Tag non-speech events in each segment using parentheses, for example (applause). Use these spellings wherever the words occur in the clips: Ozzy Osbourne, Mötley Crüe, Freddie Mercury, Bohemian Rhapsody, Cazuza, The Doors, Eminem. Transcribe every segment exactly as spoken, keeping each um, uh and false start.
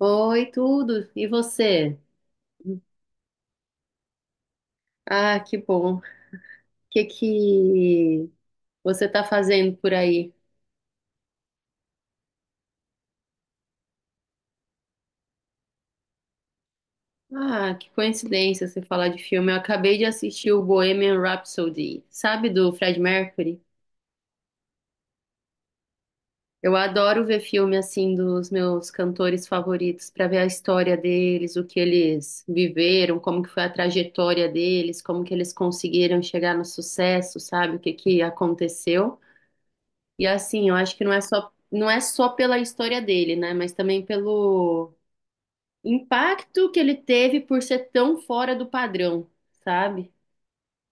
Oi, tudo. E você? Ah, que bom. O que que você tá fazendo por aí? Ah, que coincidência você falar de filme. Eu acabei de assistir o Bohemian Rhapsody, sabe, do Fred Mercury? Eu adoro ver filme assim dos meus cantores favoritos para ver a história deles, o que eles viveram, como que foi a trajetória deles, como que eles conseguiram chegar no sucesso, sabe, o que que aconteceu. E assim, eu acho que não é só, não é só pela história dele, né? Mas também pelo impacto que ele teve por ser tão fora do padrão, sabe?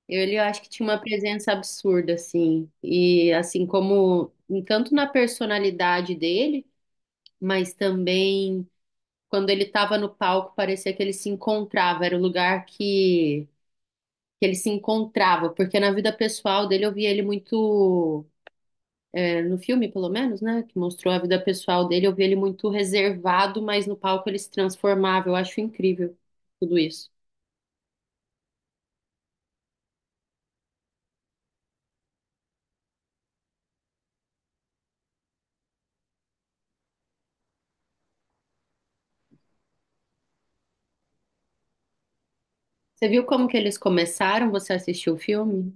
Ele eu acho que tinha uma presença absurda, assim. E assim como tanto na personalidade dele, mas também quando ele estava no palco, parecia que ele se encontrava, era o lugar que, que ele se encontrava, porque na vida pessoal dele eu via ele muito no filme, pelo menos, né, que mostrou a vida pessoal dele, eu vi ele muito reservado, mas no palco ele se transformava. Eu acho incrível tudo isso. Você viu como que eles começaram? Você assistiu o filme?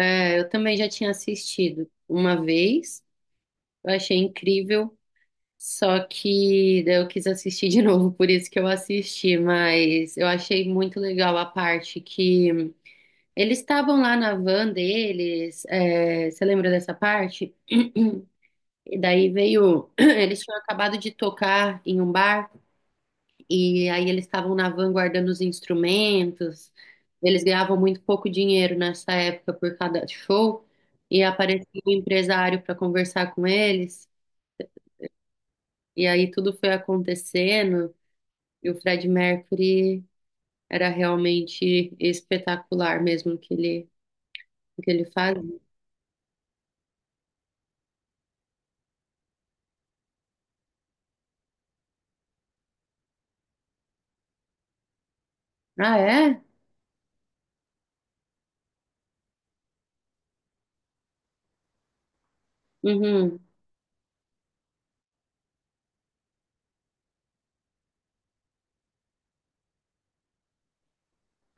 É, eu também já tinha assistido uma vez, eu achei incrível, só que daí eu quis assistir de (laughs) novo, por isso que eu assisti, mas eu achei muito legal a parte que eles estavam lá na van deles. É, você lembra dessa parte? E daí veio. (clears throat) Eles tinham acabado de tocar em um bar, e aí eles estavam na van guardando os instrumentos. Eles ganhavam muito pouco dinheiro nessa época por cada show, e apareceu um empresário para conversar com eles, e aí tudo foi acontecendo, e o Fred Mercury era realmente espetacular mesmo o que ele, o que ele faz. Ah, é? Uhum.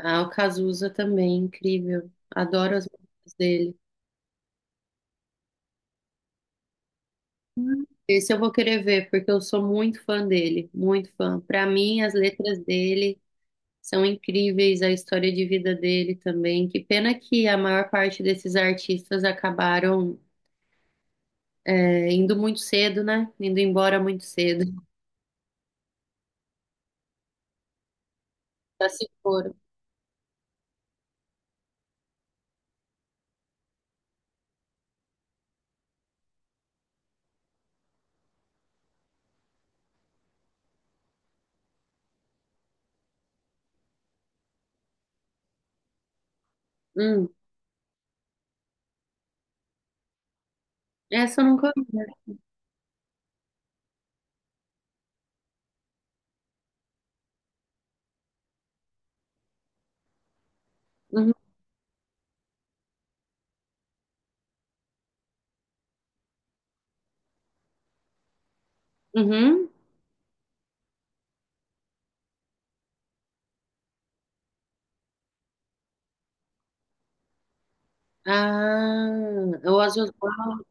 Ah, o Cazuza também, incrível. Adoro as músicas dele. Hum. Esse eu vou querer ver, porque eu sou muito fã dele, muito fã. Para mim, as letras dele são incríveis, a história de vida dele também. Que pena que a maior parte desses artistas acabaram é, indo muito cedo, né? Indo embora muito cedo. Já se foram. Hum, essa eu nunca vi. Né? Uhum. Uhum. Ah, o Ozzy Osbourne.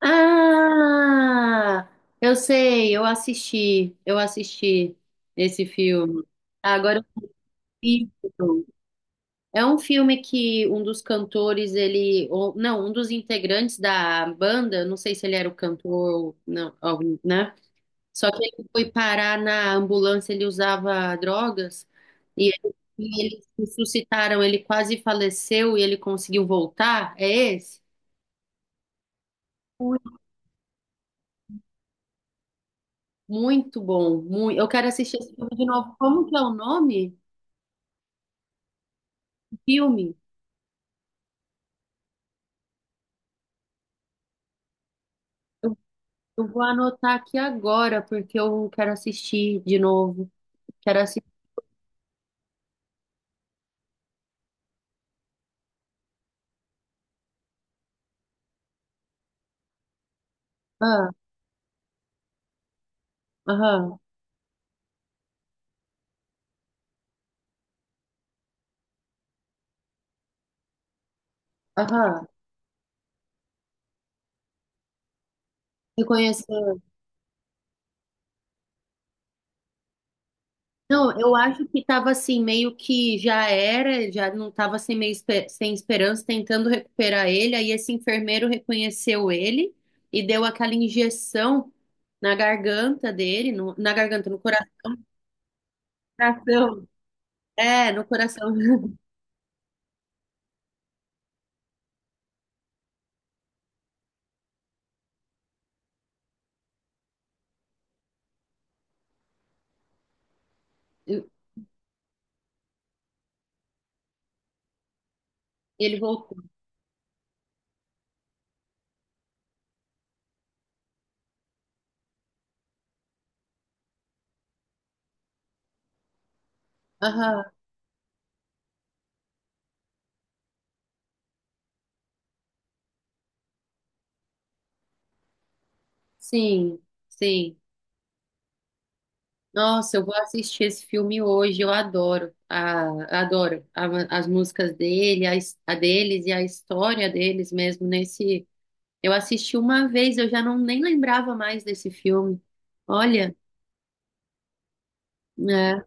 Ah, eu sei, eu assisti, eu assisti esse filme. Agora. Isso. É um filme que um dos cantores, ele, ou não, um dos integrantes da banda, não sei se ele era o cantor ou não, algum, né? Só que ele foi parar na ambulância, ele usava drogas e, ele- e eles ressuscitaram, ele quase faleceu e ele conseguiu voltar. É esse? Ui, muito bom, muito. Eu quero assistir esse filme de novo. Como que é o nome do filme? Eu, eu vou anotar aqui agora porque eu quero assistir de novo. Quero. Ah, aham, aham. Reconheceu. Não, eu acho que estava assim, meio que já era, já não estava assim, meio espe- sem esperança, tentando recuperar ele. Aí esse enfermeiro reconheceu ele e deu aquela injeção na garganta dele, no- na garganta, no coração. Coração. É, no coração. (laughs) E ele voltou. Aham, sim, sim. Nossa, eu vou assistir esse filme hoje. Eu adoro, a, adoro a- as músicas dele, a, his- a deles e a história deles mesmo nesse. Eu assisti uma vez, eu já não nem lembrava mais desse filme. Olha, né?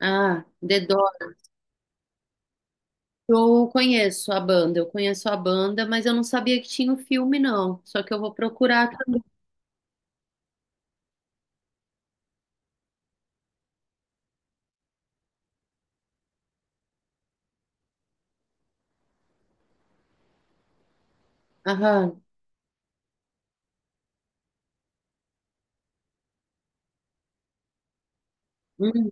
Ah, The Doors. Eu conheço a banda, eu conheço a banda, mas eu não sabia que tinha o filme, não. Só que eu vou procurar também. Aham. Hum,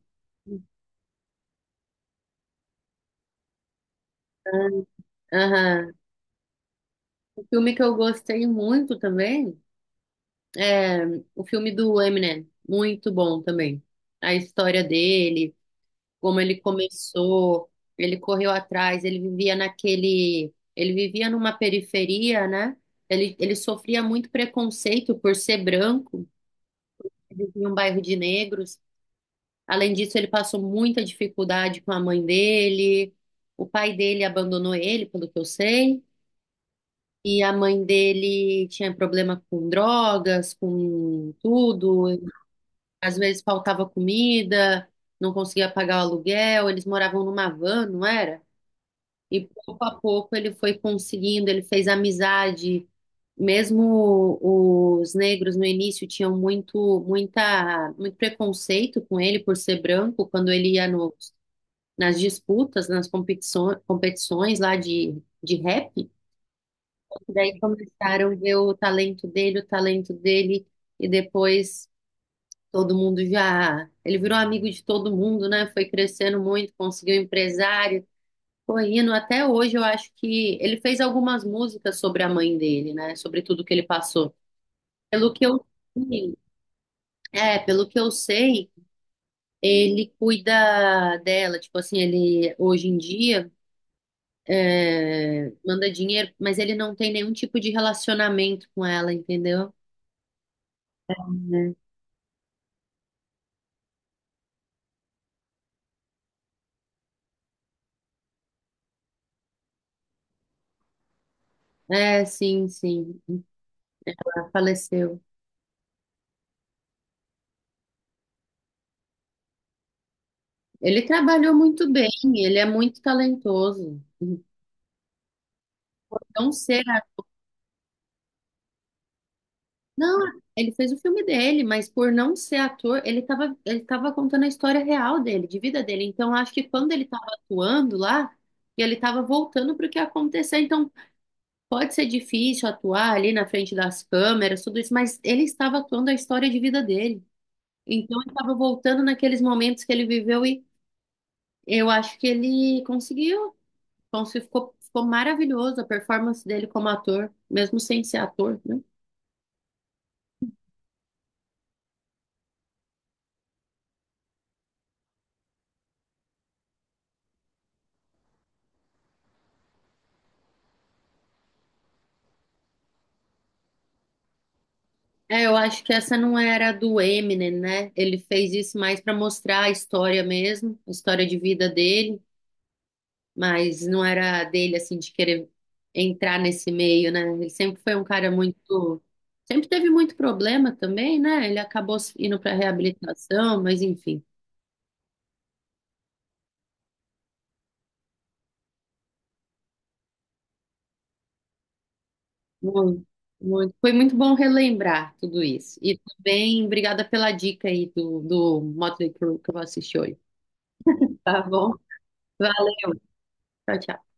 aham. O filme que eu gostei muito também. É, o filme do Eminem, muito bom também. A história dele, como ele começou, ele correu atrás, ele vivia naquele, ele vivia numa periferia, né? Ele, ele sofria muito preconceito por ser branco, ele vivia em um bairro de negros. Além disso, ele passou muita dificuldade com a mãe dele. O pai dele abandonou ele, pelo que eu sei. E a mãe dele tinha problema com drogas, com tudo. Às vezes faltava comida, não conseguia pagar o aluguel, eles moravam numa van, não era? E pouco a pouco ele foi conseguindo, ele fez amizade. Mesmo os negros no início tinham muito, muita, muito preconceito com ele por ser branco, quando ele ia no, nas disputas, nas competições, competições lá de, de rap. Daí começaram a ver o talento dele, o talento dele, e depois todo mundo já. Ele virou amigo de todo mundo, né? Foi crescendo muito, conseguiu um empresário. Correndo, até hoje eu acho que ele fez algumas músicas sobre a mãe dele, né? Sobre tudo que ele passou. Pelo que eu sei, é, Pelo que eu sei, ele cuida dela. Tipo assim, ele hoje em dia é, manda dinheiro, mas ele não tem nenhum tipo de relacionamento com ela, entendeu? É, é, sim, sim. Ela faleceu. Ele trabalhou muito bem, ele é muito talentoso. Não ser, a- não, ele fez o filme dele, mas por não ser ator, ele estava ele tava contando a história real dele, de vida dele. Então acho que quando ele estava atuando lá, e ele estava voltando para o que aconteceu. Então pode ser difícil atuar ali na frente das câmeras, tudo isso, mas ele estava atuando a história de vida dele. Então ele estava voltando naqueles momentos que ele viveu e eu acho que ele conseguiu. Ponce ficou, ficou maravilhoso a performance dele como ator, mesmo sem ser ator, né? É, eu acho que essa não era do Eminem, né? Ele fez isso mais para mostrar a história mesmo, a história de vida dele, mas não era dele, assim, de querer entrar nesse meio, né? Ele sempre foi um cara muito. Sempre teve muito problema também, né? Ele acabou indo para reabilitação, mas enfim. Muito, muito. Foi muito bom relembrar tudo isso. E também, obrigada pela dica aí do, do Motley Crue que eu vou assistir hoje. Tá bom? Valeu. Tchau, tchau.